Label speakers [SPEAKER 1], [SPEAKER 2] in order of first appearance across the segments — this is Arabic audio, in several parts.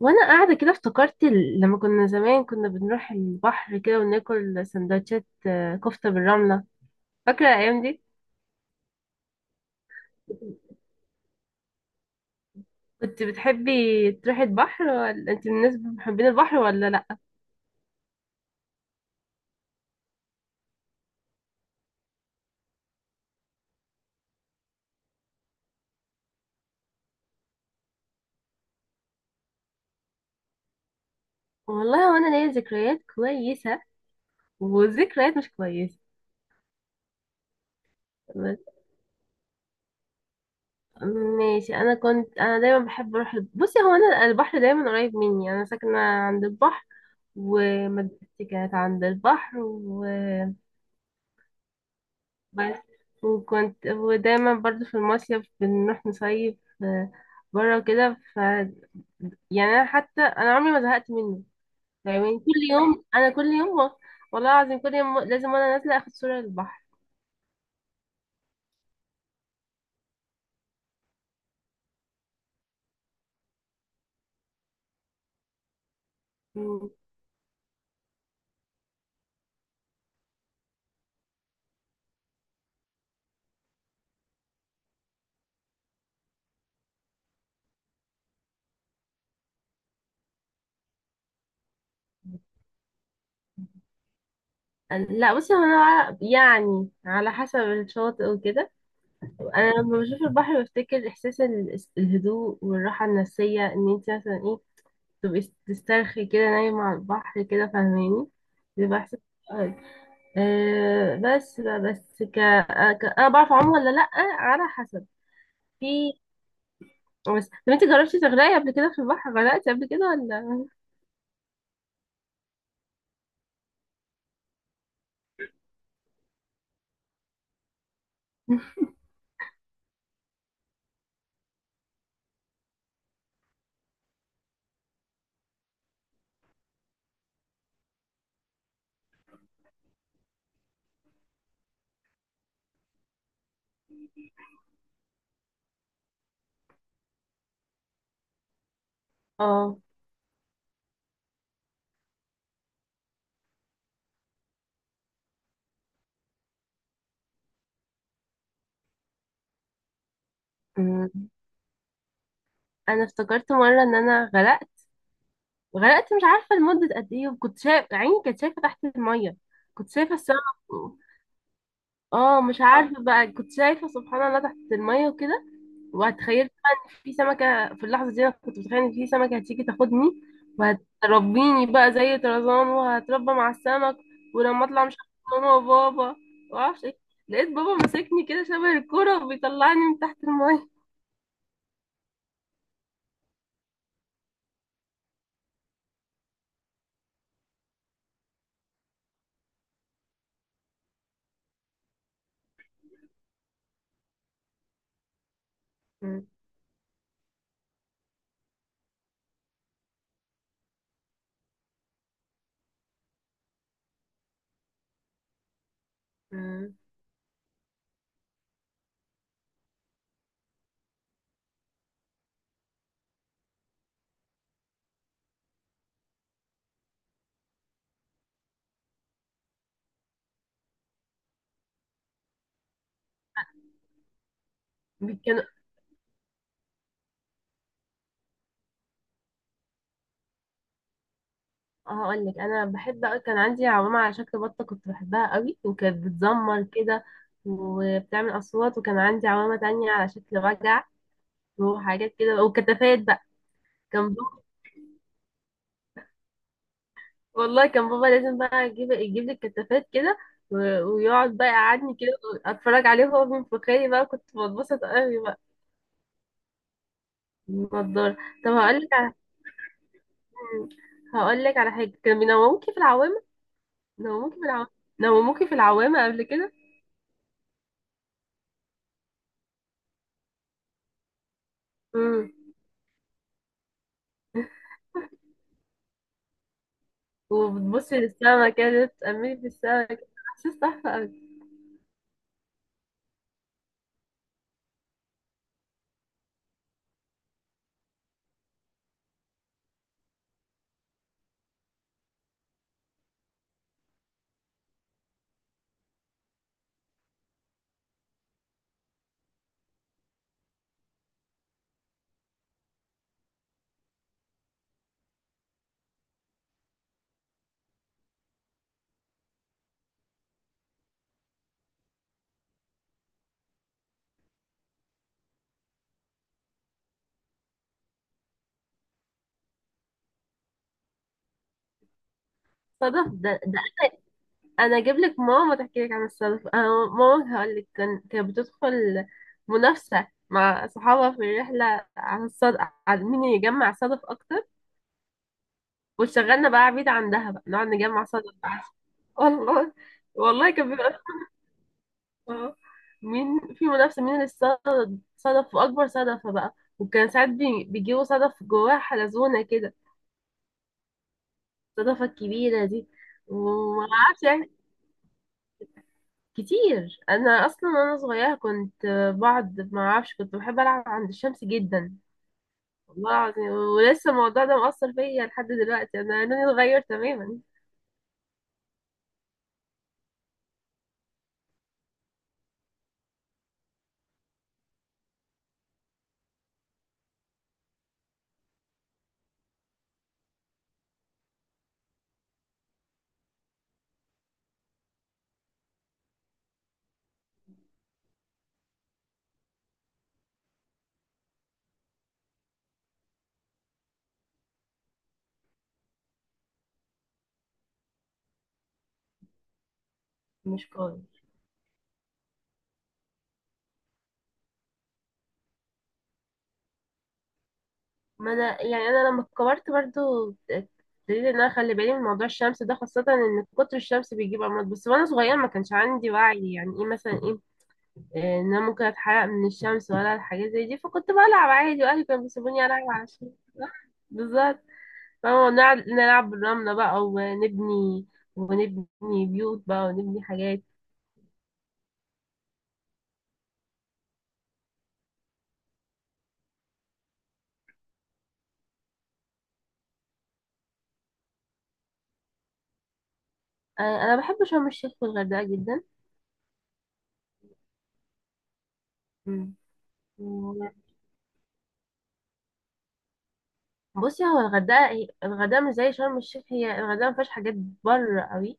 [SPEAKER 1] وانا قاعده كده افتكرت لما كنا زمان كنا بنروح البحر كده وناكل سندوتشات، كفته بالرمله. فاكره الايام دي. كنت بتحبي تروحي البحر، ولا انت من الناس محبين البحر ولا لا؟ والله، وانا ليا ذكريات كويسه وذكريات مش كويسه. بس ماشي، انا كنت دايما بحب اروح بصي، هو انا البحر دايما قريب مني، انا ساكنه عند البحر. ومدرستي كانت عند البحر. بس، وكنت ودايما برضو في المصيف بنروح نصيف بره وكده، ف يعني انا حتى عمري ما زهقت منه. يعني كل يوم، والله العظيم كل يوم لازم وانا نازله اخد صوره للبحر. مم. لا بصي، هو انا يعني على حسب الشاطئ وكده. انا لما بشوف البحر بفتكر احساس الهدوء والراحه النفسيه، ان انت مثلا ايه، تبقي تسترخي كده نايمه على البحر كده، فاهماني؟ بيبقى احساس. آه، آه بس بقى- بس ك... آه، ك... انا بعرف اعوم ولا لا؟ على حسب. في بس طب انت جربتي تغرقي قبل كده في البحر، غرقتي قبل كده ولا؟ اه. أمم. انا افتكرت مره ان انا غرقت. غرقت مش عارفه لمده قد ايه، وكنت شايف عيني كانت شايفه تحت الميه، كنت شايفه السما. اه، مش عارفه بقى، كنت شايفه سبحان الله تحت الميه وكده. وتخيلت بقى ان في سمكه، في اللحظه دي انا كنت متخيله ان في سمكه هتيجي تاخدني، وهتربيني بقى زي طرزان وهتربى مع السمك. ولما اطلع مش هبقى ماما وبابا، معرفش ايه. لقيت بابا ماسكني كده شبه الكوره وبيطلعني من تحت الميه. م- م. بي- كان هقول لك انا بحب كان عندي عمامة على شكل بطه، كنت بحبها قوي وكانت بتزمر كده وبتعمل اصوات. وكان عندي عمامة تانية على شكل وجع وحاجات كده، وكتافات بقى. كان والله كان بابا لازم بقى يجيب لي الكتافات كده، ويقعد بقى يقعدني كده اتفرج عليه وهو بينفخني بقى، كنت بتبسط قوي بقى. النضاره. طب هقول لك على هقول لك على حاجه، كانوا بينوموكي في العوامه، نوموكي في العوامه نوموكي في العوامه قبل كده. امم. وبتبصي للسما كده، تأملي في السما كده، احساس تحفه قوي. صدف ده. انا اجيب لك ماما تحكي لك عن السالفه، انا ماما هقول لك كانت بتدخل منافسه مع صحابها في الرحله على الصدف، على مين يجمع صدف اكتر، وشغلنا بقى عبيد عندها بقى نقعد نجمع صدف بقى. والله والله كان بيبقى. آه. مين في منافسه، مين اللي صدف صدف واكبر صدفه بقى، وكان ساعات بيجيبوا صدف جواها حلزونه كده، الصدفه الكبيره دي. وما اعرفش يعني. كتير، انا اصلا وانا صغيره كنت، بعد ما اعرفش كنت بحب العب عند الشمس جدا. والله العظيم، ولسه الموضوع ده مؤثر فيا لحد دلوقتي، انا لوني اتغير تماما. مش قوي. ما انا يعني انا لما كبرت برضو ابتديت ان انا اخلي بالي من موضوع الشمس ده، خاصه ان كتر الشمس بيجيب امراض. بس وانا صغيره ما كانش عندي وعي، يعني ايه مثلا ايه، ان انا ممكن اتحرق من الشمس ولا الحاجات زي دي، فكنت بلعب عادي واهلي كانوا بيسيبوني العب على الشمس. بالظبط. اه، نلعب بالرملة بقى ونبني، ونبني بيوت بقى، ونبني حاجات. انا بحب شرم الشيخ والغردقة جدا. مم. و- بصي، هو الغردقة الغردقة مش زي شرم الشيخ، هي الغردقة مفيهاش حاجات بره قوي،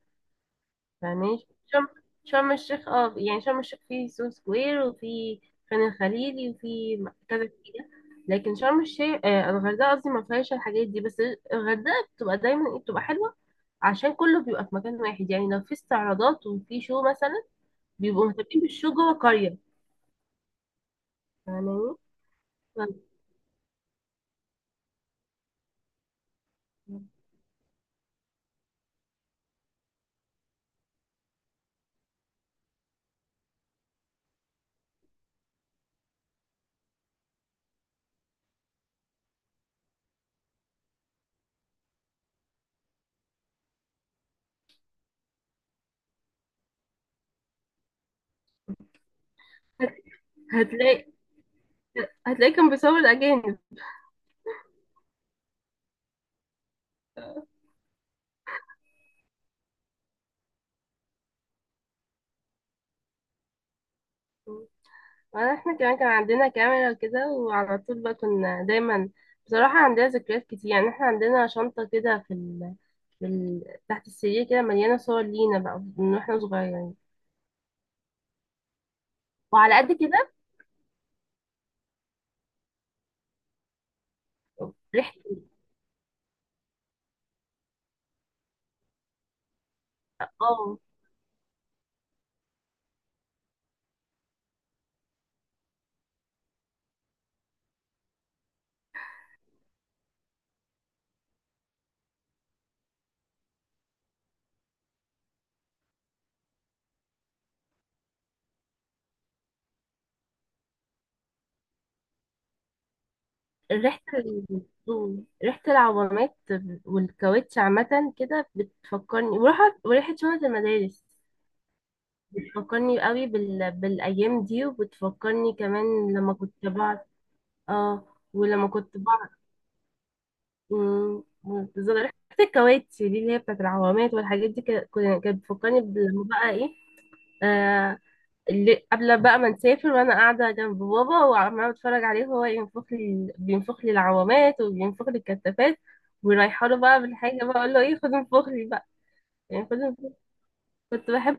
[SPEAKER 1] فاهماني؟ شرم الشيخ، اه يعني شرم الشيخ فيه سو سكوير، وفي خان الخليلي، وفي كذا حاجة. لكن شرم الشيخ، الغردقة قصدي، مفيهاش الحاجات دي. بس الغردقة بتبقى دايما بتبقى حلوة، عشان كله بيبقى في مكان واحد، يعني لو في استعراضات وفي شو مثلا، بيبقوا مهتمين بالشو جوه قرية يعني. هتلاقي هتلاقي كان بيصور الأجانب. احنا كمان كان عندنا كاميرا كده وعلى طول بقى كنا دايما، بصراحة عندنا ذكريات كتير يعني، احنا عندنا شنطة كده في ال... تحت السرير كده، مليانة صور لينا بقى من واحنا صغيرين، وعلى قد كده. ريحة اه ريحة ال... مم. ريحة العوامات والكاوتش عامة كده بتفكرني، وريحة شنط المدارس، بتفكرني قوي بالأيام دي، وبتفكرني كمان لما كنت بقعد. اه، ولما كنت بقعد. بالظبط، ريحة الكاوتش دي اللي هي بتاعت العوامات والحاجات دي، كانت بتفكرني لما بقى ايه، آه، اللي قبل بقى ما نسافر، وانا قاعده جنب بابا وعماله بتفرج عليه وهو ينفخ لي بينفخ لي العوامات وبينفخ لي الكتافات، ورايحه له بقى بالحاجه بقى اقول له ايه، خد انفخ لي بقى، يعني خد انفخ. كنت بحب.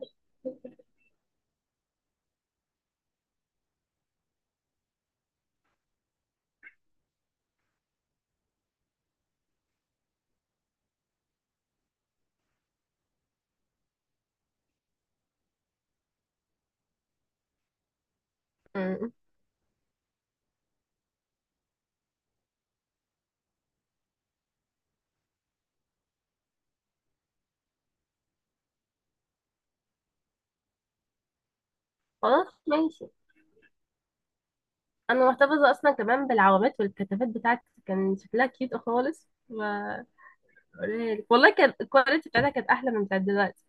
[SPEAKER 1] مم. خلاص ماشي. انا محتفظه اصلا كمان بالعوامات والكتافات بتاعتي، كان شكلها كيوت خالص وهوريها لك، والله كان الكواليتي بتاعتها كانت احلى من بتاعت دلوقتي.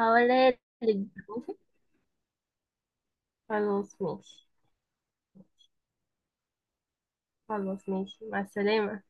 [SPEAKER 1] هوريها لك ماشي؟ خلاص ماشي، خلاص ماشي، مع السلامه.